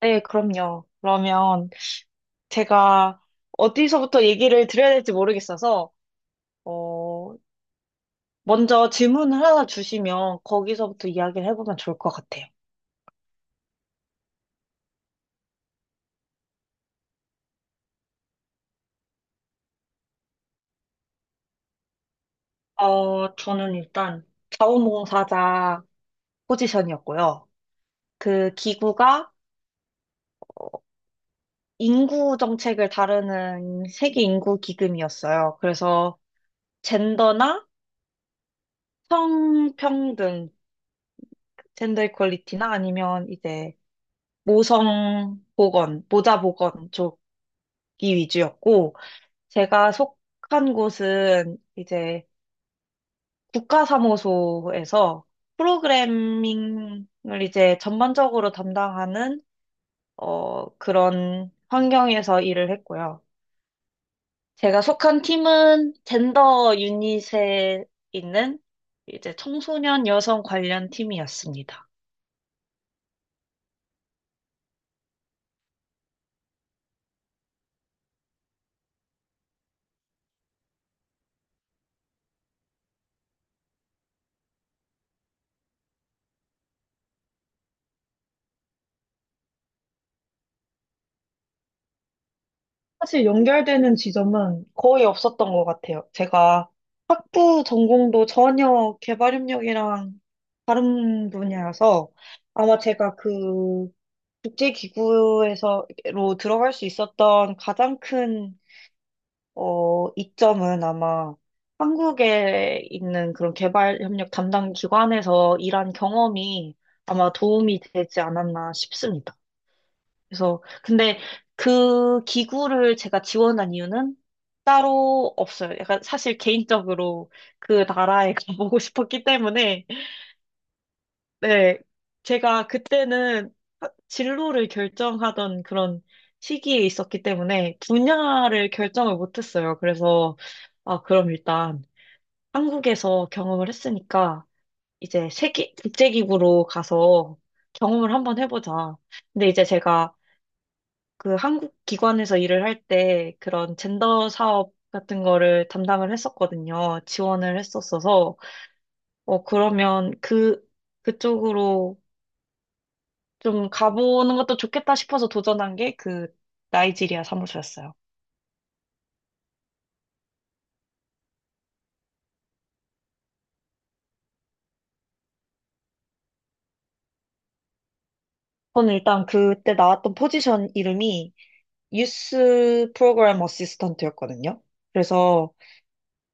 네, 그럼요. 그러면 제가 어디서부터 얘기를 드려야 될지 모르겠어서, 어, 먼저 질문을 하나 주시면 거기서부터 이야기를 해보면 좋을 것 같아요. 저는 일단 자원봉사자 포지션이었고요. 그 기구가 인구 정책을 다루는 세계 인구 기금이었어요. 그래서 젠더나 성평등, 젠더 이퀄리티나 아니면 이제 모성 보건, 모자 보건 위주였고, 제가 속한 곳은 이제 국가사무소에서 프로그래밍을 이제 전반적으로 담당하는, 그런 환경에서 일을 했고요. 제가 속한 팀은 젠더 유닛에 있는 이제 청소년 여성 관련 팀이었습니다. 사실 연결되는 지점은 거의 없었던 것 같아요. 제가 학부 전공도 전혀 개발협력이랑 다른 분야여서 아마 제가 그 국제기구에서로 들어갈 수 있었던 가장 큰, 이점은 아마 한국에 있는 그런 개발협력 담당 기관에서 일한 경험이 아마 도움이 되지 않았나 싶습니다. 그래서 근데 그 기구를 제가 지원한 이유는 따로 없어요. 약간 사실 개인적으로 그 나라에 가보고 싶었기 때문에. 네. 제가 그때는 진로를 결정하던 그런 시기에 있었기 때문에 분야를 결정을 못했어요. 그래서 아, 그럼 일단 한국에서 경험을 했으니까 이제 세계 국제기구로 가서 경험을 한번 해보자. 근데 이제 제가 그 한국 기관에서 일을 할 때 그런 젠더 사업 같은 거를 담당을 했었거든요. 지원을 했었어서, 그러면 그쪽으로 좀 가보는 것도 좋겠다 싶어서 도전한 게 그 나이지리아 사무소였어요. 저는 일단 그때 나왔던 포지션 이름이 유스 프로그램 어시스턴트였거든요. 그래서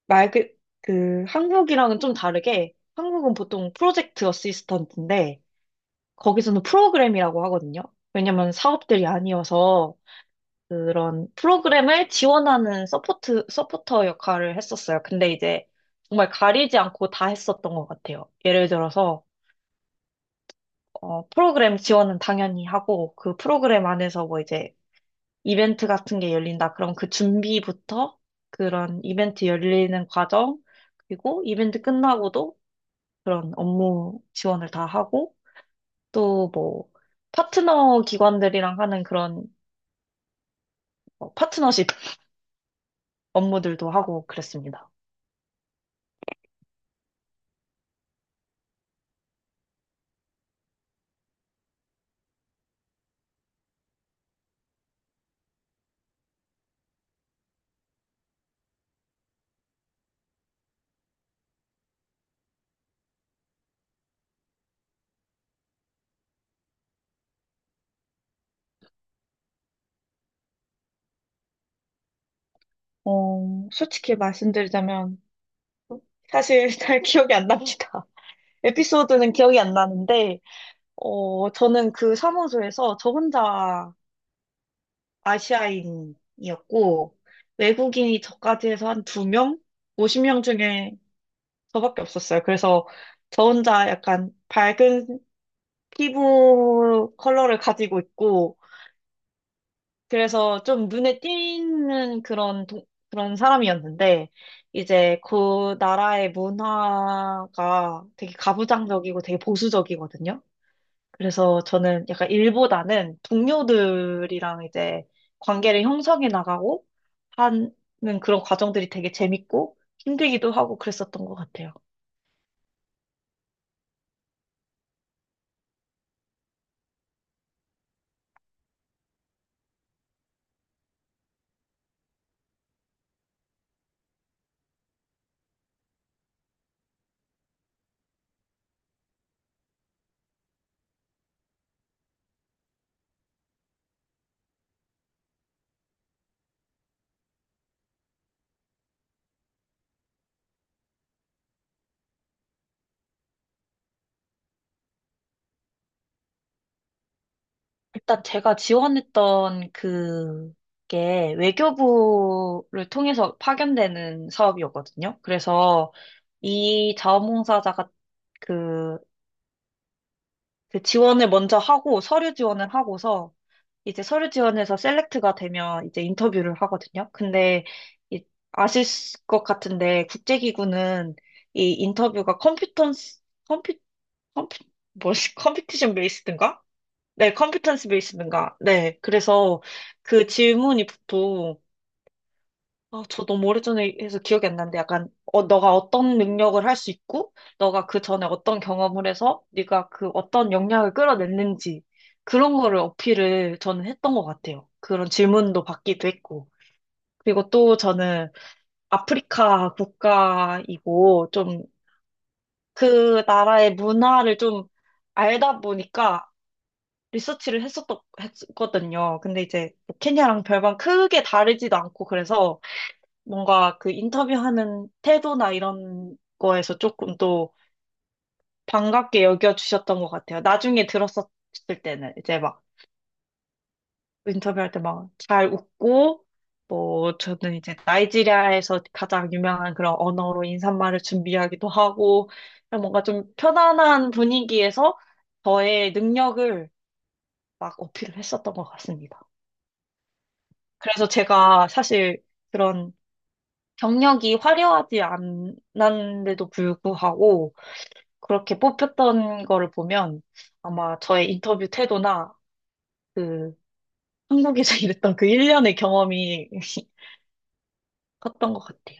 말 그, 그 한국이랑은 좀 다르게 한국은 보통 프로젝트 어시스턴트인데 거기서는 프로그램이라고 하거든요. 왜냐면 사업들이 아니어서 그런 프로그램을 지원하는 서포터 역할을 했었어요. 근데 이제 정말 가리지 않고 다 했었던 것 같아요. 예를 들어서, 프로그램 지원은 당연히 하고, 그 프로그램 안에서 뭐 이제 이벤트 같은 게 열린다. 그럼 그 준비부터 그런 이벤트 열리는 과정, 그리고 이벤트 끝나고도 그런 업무 지원을 다 하고, 또 뭐, 파트너 기관들이랑 하는 그런 파트너십 업무들도 하고 그랬습니다. 솔직히 말씀드리자면 사실 잘 기억이 안 납니다. 에피소드는 기억이 안 나는데, 저는 그 사무소에서 저 혼자 아시아인이었고, 외국인이 저까지 해서 한 두 명? 50명 중에 저밖에 없었어요. 그래서 저 혼자 약간 밝은 피부 컬러를 가지고 있고, 그래서 좀 눈에 띄는 그런, 그런 사람이었는데, 이제 그 나라의 문화가 되게 가부장적이고 되게 보수적이거든요. 그래서 저는 약간 일보다는 동료들이랑 이제 관계를 형성해 나가고 하는 그런 과정들이 되게 재밌고 힘들기도 하고 그랬었던 것 같아요. 일단 제가 지원했던 그게 외교부를 통해서 파견되는 사업이었거든요. 그래서 이 자원봉사자가 그, 그 지원을 먼저 하고 서류 지원을 하고서 이제 서류 지원에서 셀렉트가 되면 이제 인터뷰를 하거든요. 근데 이- 아실 것 같은데 국제기구는 이 인터뷰가 컴퓨턴스 컴퓨 컴퓨 뭐 컴피티션 베이스든가? 네, 컴퓨턴스 베이스든가. 네, 그래서 그 질문이 보통 아, 저 너무 오래전에 해서 기억이 안 나는데 약간 너가 어떤 능력을 할 수 있고 너가 그 전에 어떤 경험을 해서 네가 그 어떤 역량을 끌어냈는지 그런 거를 어필을 저는 했던 것 같아요. 그런 질문도 받기도 했고 그리고 또 저는 아프리카 국가이고 좀 그 나라의 문화를 좀 알다 보니까 리서치를 했었 했거든요. 근데 이제 뭐 케냐랑 별반 크게 다르지도 않고 그래서 뭔가 그 인터뷰하는 태도나 이런 거에서 조금 또 반갑게 여겨주셨던 것 같아요. 나중에 들었었을 때는 이제 막 인터뷰할 때 막 잘 웃고 뭐 저는 이제 나이지리아에서 가장 유명한 그런 언어로 인사말을 준비하기도 하고 그냥 뭔가 좀 편안한 분위기에서 저의 능력을 막 어필을 했었던 것 같습니다. 그래서 제가 사실 그런 경력이 화려하지 않았는데도 불구하고 그렇게 뽑혔던 거를 보면 아마 저의 인터뷰 태도나 그 한국에서 일했던 그 1년의 경험이 컸던 것 같아요.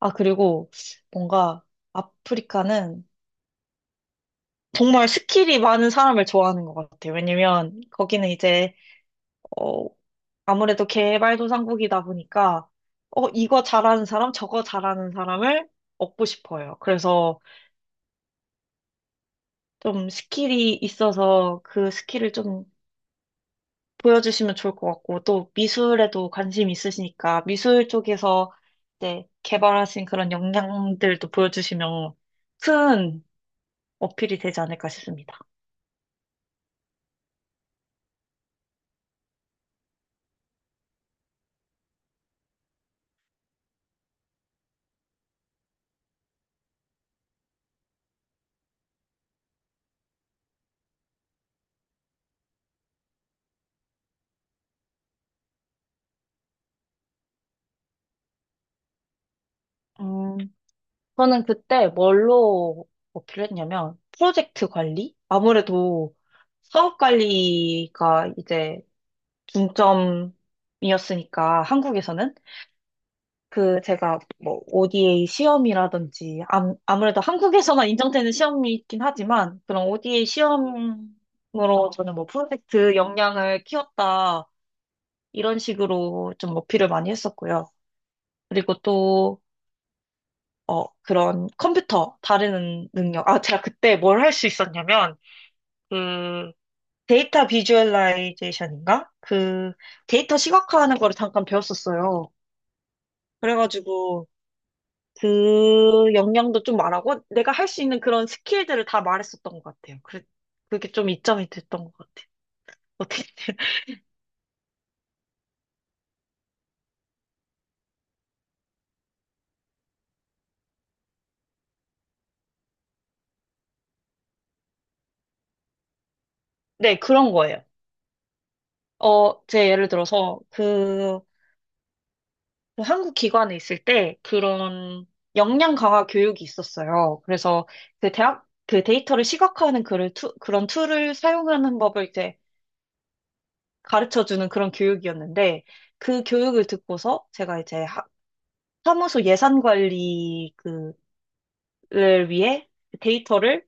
아, 그리고 뭔가 아프리카는 정말 스킬이 많은 사람을 좋아하는 것 같아요. 왜냐면 거기는 이제, 어, 아무래도 개발도상국이다 보니까, 이거 잘하는 사람, 저거 잘하는 사람을 얻고 싶어요. 그래서 좀 스킬이 있어서 그 스킬을 좀 보여주시면 좋을 것 같고, 또 미술에도 관심 있으시니까, 미술 쪽에서 이제 개발하신 그런 역량들도 보여주시면 큰 어필이 되지 않을까 싶습니다. 음, 저는 그때 뭘로 어필했냐면, 프로젝트 관리? 아무래도 사업 관리가 이제 중점이었으니까, 한국에서는. 그 제가 뭐 ODA 시험이라든지 암, 아무래도 한국에서만 인정되는 시험이 있긴 하지만 그런 ODA 시험으로 저는 뭐 프로젝트 역량을 키웠다 이런 식으로 좀 어필을 많이 했었고요. 그리고 또 그런 컴퓨터 다루는 능력. 아, 제가 그때 뭘 할 수 있었냐면 그 데이터 비주얼라이제이션인가? 그 데이터 시각화하는 거를 잠깐 배웠었어요. 그래가지고 그 역량도 좀 말하고 내가 할 수 있는 그런 스킬들을 다 말했었던 것 같아요. 그게 좀 이점이 됐던 것 같아요. 어떻게, 네, 그런 거예요. 제 예를 들어서 그 한국 기관에 있을 때 그런 역량 강화 교육이 있었어요. 그래서 그 데이터를 시각화하는 그런 툴을 사용하는 법을 이제 가르쳐주는 그런 교육이었는데 그 교육을 듣고서 제가 이제 사무소 예산 관리 그 를 위해 데이터를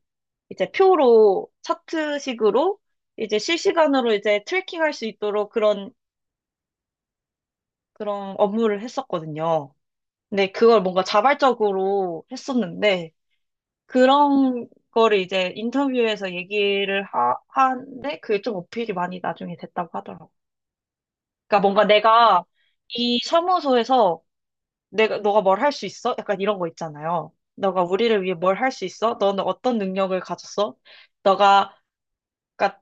이제 표로 차트식으로 이제 실시간으로 이제 트래킹할 수 있도록 그런 업무를 했었거든요. 근데 그걸 뭔가 자발적으로 했었는데 그런 거를 이제 인터뷰에서 얘기를 하는데 그게 좀 어필이 많이 나중에 됐다고 하더라고요. 그러니까 뭔가 내가 이 사무소에서 내가 너가 뭘 할 수 있어? 약간 이런 거 있잖아요. 너가 우리를 위해 뭘 할 수 있어? 너는 어떤 능력을 가졌어? 너가 그러니까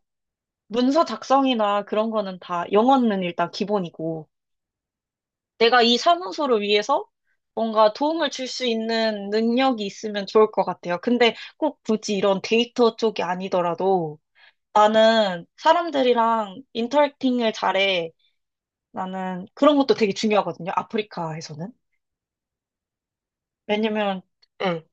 문서 작성이나 그런 거는 다 영어는 일단 기본이고 내가 이 사무소를 위해서 뭔가 도움을 줄 수 있는 능력이 있으면 좋을 것 같아요. 근데 꼭 굳이 이런 데이터 쪽이 아니더라도 나는 사람들이랑 인터랙팅을 잘해. 나는 그런 것도 되게 중요하거든요. 아프리카에서는. 왜냐면 예.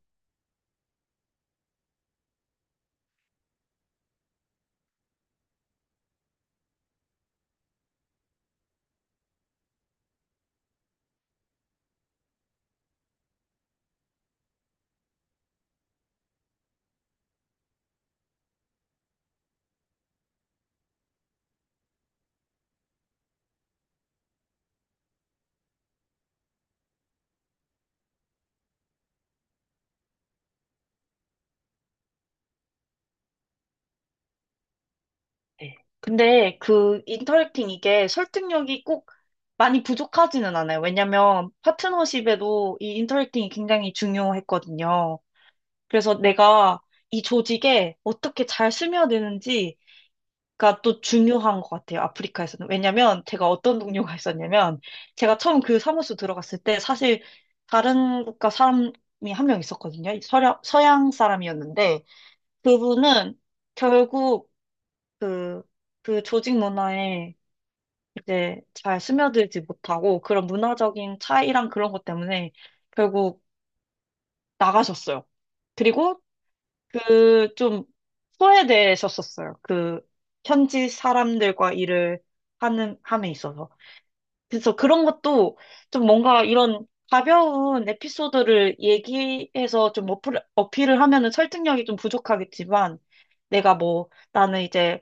네. 근데 그 인터랙팅 이게 설득력이 꼭 많이 부족하지는 않아요. 왜냐면 파트너십에도 이 인터랙팅이 굉장히 중요했거든요. 그래서 내가 이 조직에 어떻게 잘 스며드는지가 또 중요한 것 같아요. 아프리카에서는. 왜냐면 제가 어떤 동료가 있었냐면 제가 처음 그 사무소 들어갔을 때 사실 다른 국가 사람이 한 명 있었거든요. 서양 사람이었는데 그분은 결국 그, 그 조직 문화에 이제 잘 스며들지 못하고 그런 문화적인 차이랑 그런 것 때문에 결국 나가셨어요. 그리고 그 좀 소외되셨었어요. 그 현지 사람들과 일을 하는, 함에 있어서. 그래서 그런 것도 좀 뭔가 이런 가벼운 에피소드를 얘기해서 좀 어필을 하면은 설득력이 좀 부족하겠지만 내가 뭐 나는 이제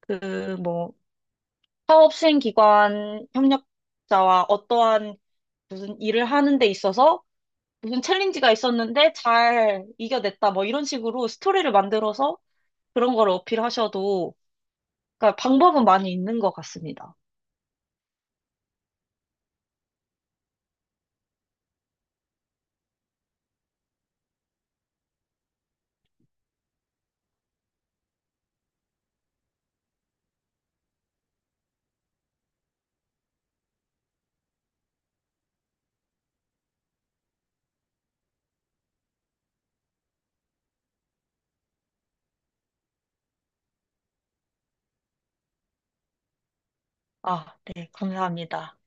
그뭐 사업 시행 기관 협력자와 어떠한 무슨 일을 하는 데 있어서 무슨 챌린지가 있었는데 잘 이겨냈다. 뭐 이런 식으로 스토리를 만들어서 그런 걸 어필하셔도, 그러니까 방법은 많이 있는 것 같습니다. 아, 네, 감사합니다.